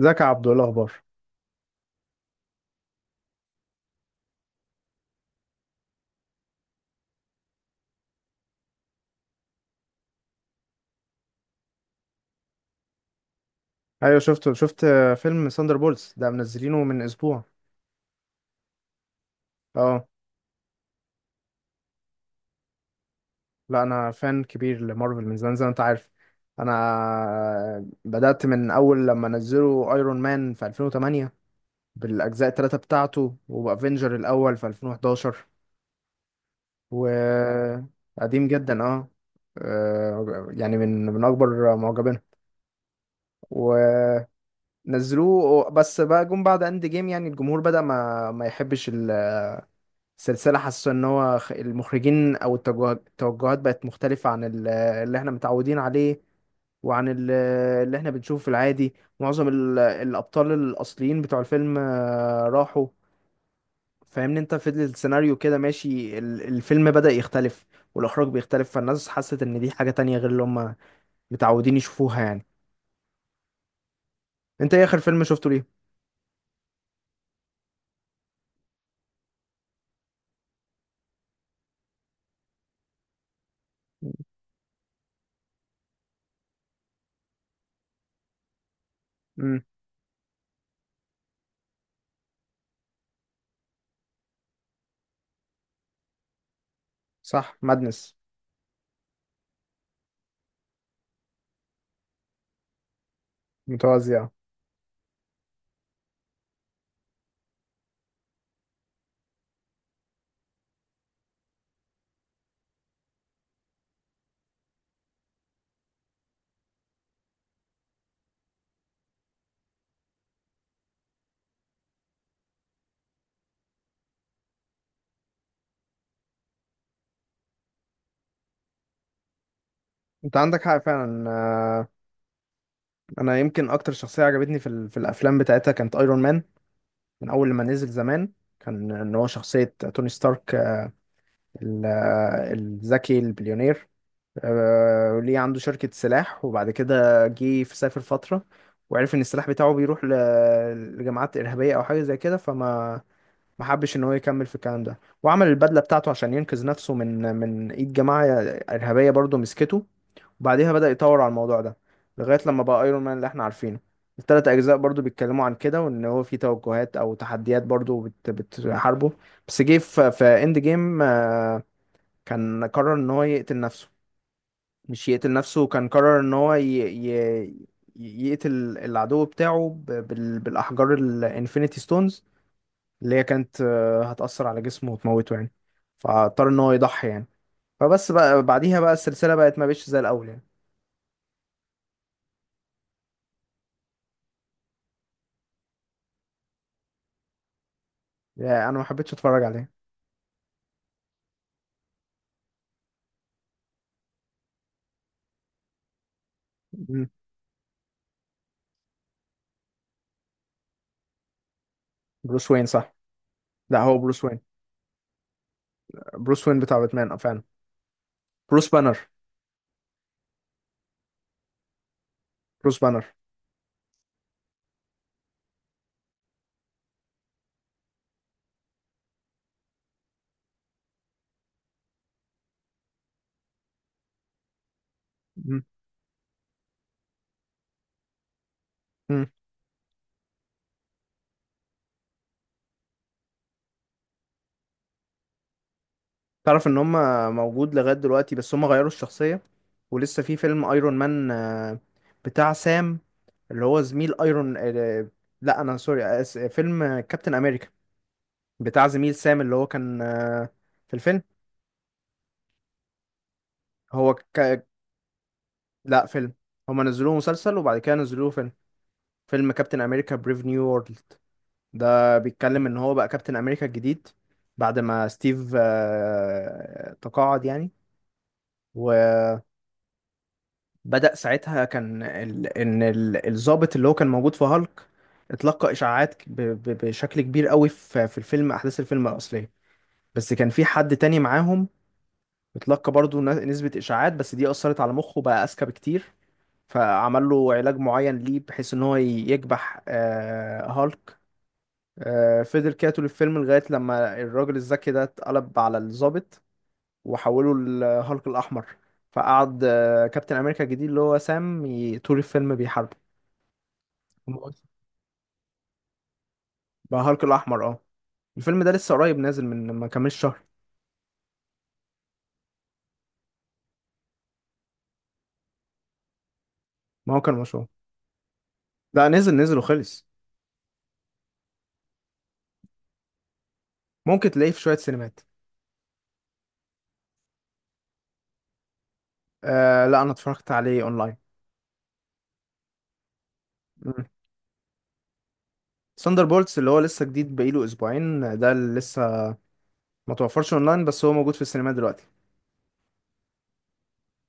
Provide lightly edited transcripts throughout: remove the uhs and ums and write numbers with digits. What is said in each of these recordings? ازيك يا عبدو ايه الاخبار. ايوه شفته، فيلم ساندر بولز ده منزلينه من اسبوع. اه. لا انا فان كبير لمارفل من زمان زي ما انت عارف. انا بدأت من اول لما نزلوا ايرون مان في 2008 بالاجزاء الثلاثه بتاعته، وافنجر الاول في 2011 وقديم جدا اه. يعني من اكبر معجبينه. ونزلوه بس بقى جم بعد اند جيم، يعني الجمهور بدأ ما يحبش سلسلة. حاسة ان هو المخرجين او التوجهات بقت مختلفة عن اللي احنا متعودين عليه، وعن اللي احنا بنشوفه في العادي. معظم الابطال الاصليين بتوع الفيلم راحوا. فاهمني انت، في السيناريو كده ماشي، الفيلم بدأ يختلف والاخراج بيختلف، فالناس حست ان دي حاجة تانية غير اللي هم متعودين يشوفوها يعني. انت ايه اخر فيلم شفته ليه؟ امم. صح، مادنس. متوازية. انت عندك حق فعلا. انا يمكن اكتر شخصيه عجبتني في الافلام بتاعتها كانت ايرون مان، من اول لما نزل زمان. كان ان هو شخصيه توني ستارك، ال- الذكي البليونير. ليه عنده شركه سلاح، وبعد كده جه في سافر فتره وعرف ان السلاح بتاعه بيروح لجماعات ارهابيه او حاجه زي كده. فما ما حبش ان هو يكمل في الكلام ده، وعمل البدله بتاعته عشان ينقذ نفسه من ايد جماعه ارهابيه برضه مسكته. بعديها بدأ يطور على الموضوع ده لغاية لما بقى ايرون مان اللي احنا عارفينه. التلات اجزاء برضو بيتكلموا عن كده، وان هو في توجهات او تحديات برضو بتحاربه. بس جه في اند جيم، كان قرر ان هو يقتل نفسه. مش يقتل نفسه، كان قرر ان هو يقتل العدو بتاعه بالاحجار الانفينيتي ستونز اللي هي كانت هتأثر على جسمه وتموته يعني. فاضطر ان هو يضحي يعني. فبس بقى بعديها بقى السلسلة بقت ما بقتش زي الاول يعني. يعني انا ما حبيتش اتفرج عليها. مم. بروس وين صح؟ لا هو بروس وين، بروس وين بتاع باتمان اه فعلا. بروس بانر. بروس بانر. مم. مم. تعرف ان هم موجود لغاية دلوقتي، بس هم غيروا الشخصية. ولسه في فيلم ايرون مان، بتاع سام اللي هو زميل ايرون. لا انا سوري، فيلم كابتن امريكا بتاع زميل سام اللي هو كان في الفيلم. هو ك... لا فيلم، هم نزلوه مسلسل وبعد كده نزلوه فيلم. فيلم كابتن امريكا بريف نيو وورلد، ده بيتكلم ان هو بقى كابتن امريكا الجديد بعد ما ستيف تقاعد يعني. وبدأ ساعتها، كان ان الضابط اللي هو كان موجود في هالك اتلقى اشاعات بشكل كبير قوي في الفيلم، احداث الفيلم الاصليه، بس كان في حد تاني معاهم اتلقى برضو نسبة اشاعات، بس دي اثرت على مخه بقى اذكى بكتير. فعمل له علاج معين ليه بحيث ان هو يكبح هالك. فضل كده طول الفيلم لغاية لما الراجل الذكي ده اتقلب على الضابط وحوله لهالك الأحمر. فقعد كابتن أمريكا الجديد اللي هو سام طول الفيلم بيحاربه. بقى هالك الأحمر اه. الفيلم ده لسه قريب نازل، من ما كملش شهر. ما هو كان مشهور. لا نزل نزل وخلص. ممكن تلاقيه في شوية سينمات. آه لا، أنا اتفرجت عليه أونلاين. ثاندر بولتس اللي هو لسه جديد بقاله أسبوعين، ده اللي لسه ما توفرش أونلاين بس هو موجود في السينما دلوقتي.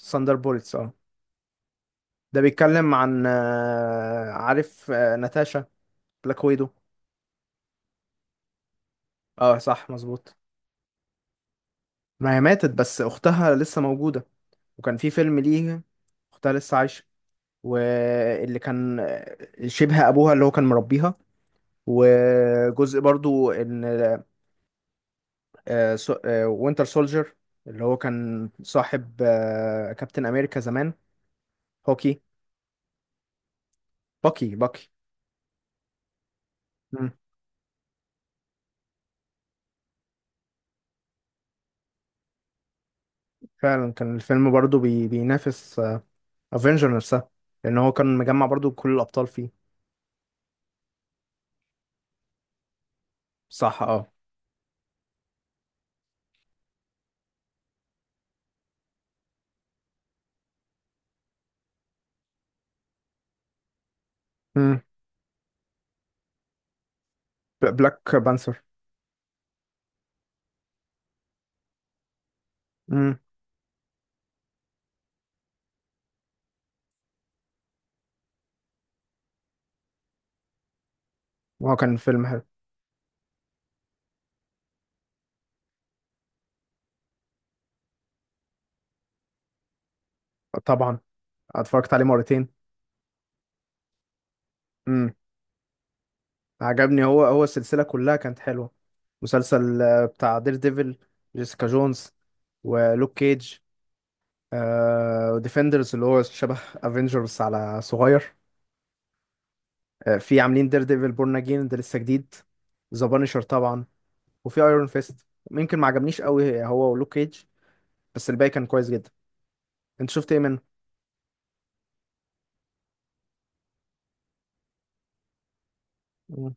ثاندر بولتس اه. ده بيتكلم عن عارف ناتاشا، بلاك ويدو. اه صح مظبوط. ما هي ماتت، بس اختها لسه موجودة، وكان في فيلم ليه. اختها لسه عايشة. واللي كان شبه ابوها اللي هو كان مربيها. وجزء برضو ان وينتر سولجر اللي هو كان صاحب كابتن امريكا زمان. هوكي. باكي. مم. فعلا كان الفيلم برضو بينافس افنجر نفسها، لان هو كان مجمع برضو كل الابطال فيه. صح اه. امم. بلاك بانثر. امم. وهو كان فيلم حلو. طبعا اتفرجت عليه مرتين. امم. عجبني، هو السلسلة كلها كانت حلوة. مسلسل بتاع دير ديفل، جيسيكا جونز، ولوك كيج. آه ديفندرز، اللي هو شبه افنجرز على صغير. آه، في عاملين دير ديفل بورن اجين ده لسه جديد. ذا بانشر طبعا. وفي ايرون فيست، ممكن ما عجبنيش قوي هو ولوك كيج، بس الباقي كان كويس جدا. انت شفت ايه منه؟ مم.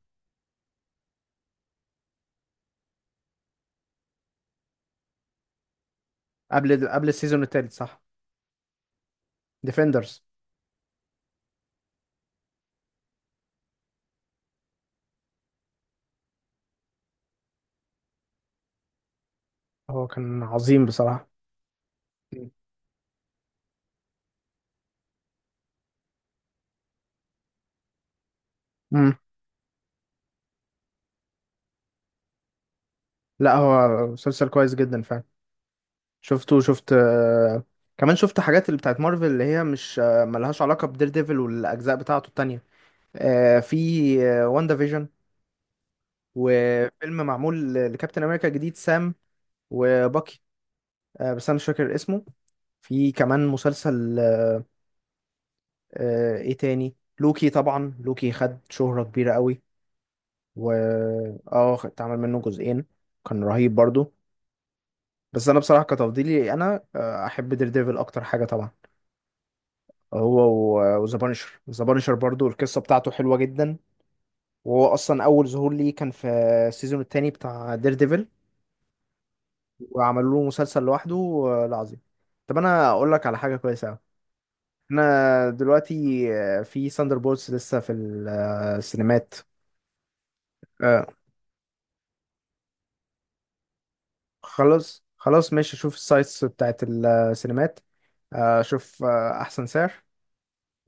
قبل السيزون التالت صح. ديفندرز. هو كان عظيم بصراحة. امم. لا هو مسلسل كويس جدا فعلا. شفته، كمان شفت حاجات اللي بتاعت مارفل اللي هي مش ملهاش علاقة بدير ديفل والأجزاء بتاعته التانية. في واندا فيجن، وفيلم معمول لكابتن أمريكا جديد سام وباكي، بس أنا مش فاكر اسمه. في كمان مسلسل إيه تاني، لوكي طبعا، لوكي خد شهرة كبيرة قوي. و اه اتعمل منه جزئين، كان رهيب برضو. بس انا بصراحه كتفضيلي انا احب دير ديفل اكتر حاجه طبعا هو. وذا بانشر، ذا بانشر برضو القصه بتاعته حلوه جدا. وهو اصلا اول ظهور ليه كان في السيزون التاني بتاع دير ديفل، وعملوا له مسلسل لوحده العظيم. طب انا اقول لك على حاجه كويسه أوي. انا دلوقتي في ساندر بولز لسه في السينمات. آه، خلاص خلاص ماشي، اشوف السايتس بتاعت السينمات، اشوف احسن سعر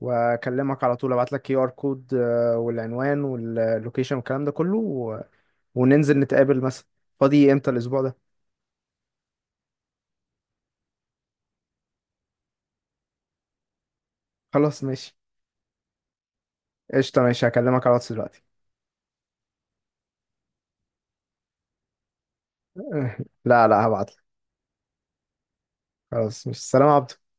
واكلمك على طول، ابعت لك كي ار كود والعنوان واللوكيشن والكلام ده كله وننزل نتقابل مثلا. فاضي امتى الاسبوع ده؟ خلاص ماشي. قشطة ماشي، هكلمك على الواتس دلوقتي. لا لا هبعت لك. خلاص، مش سلام يا عبدو.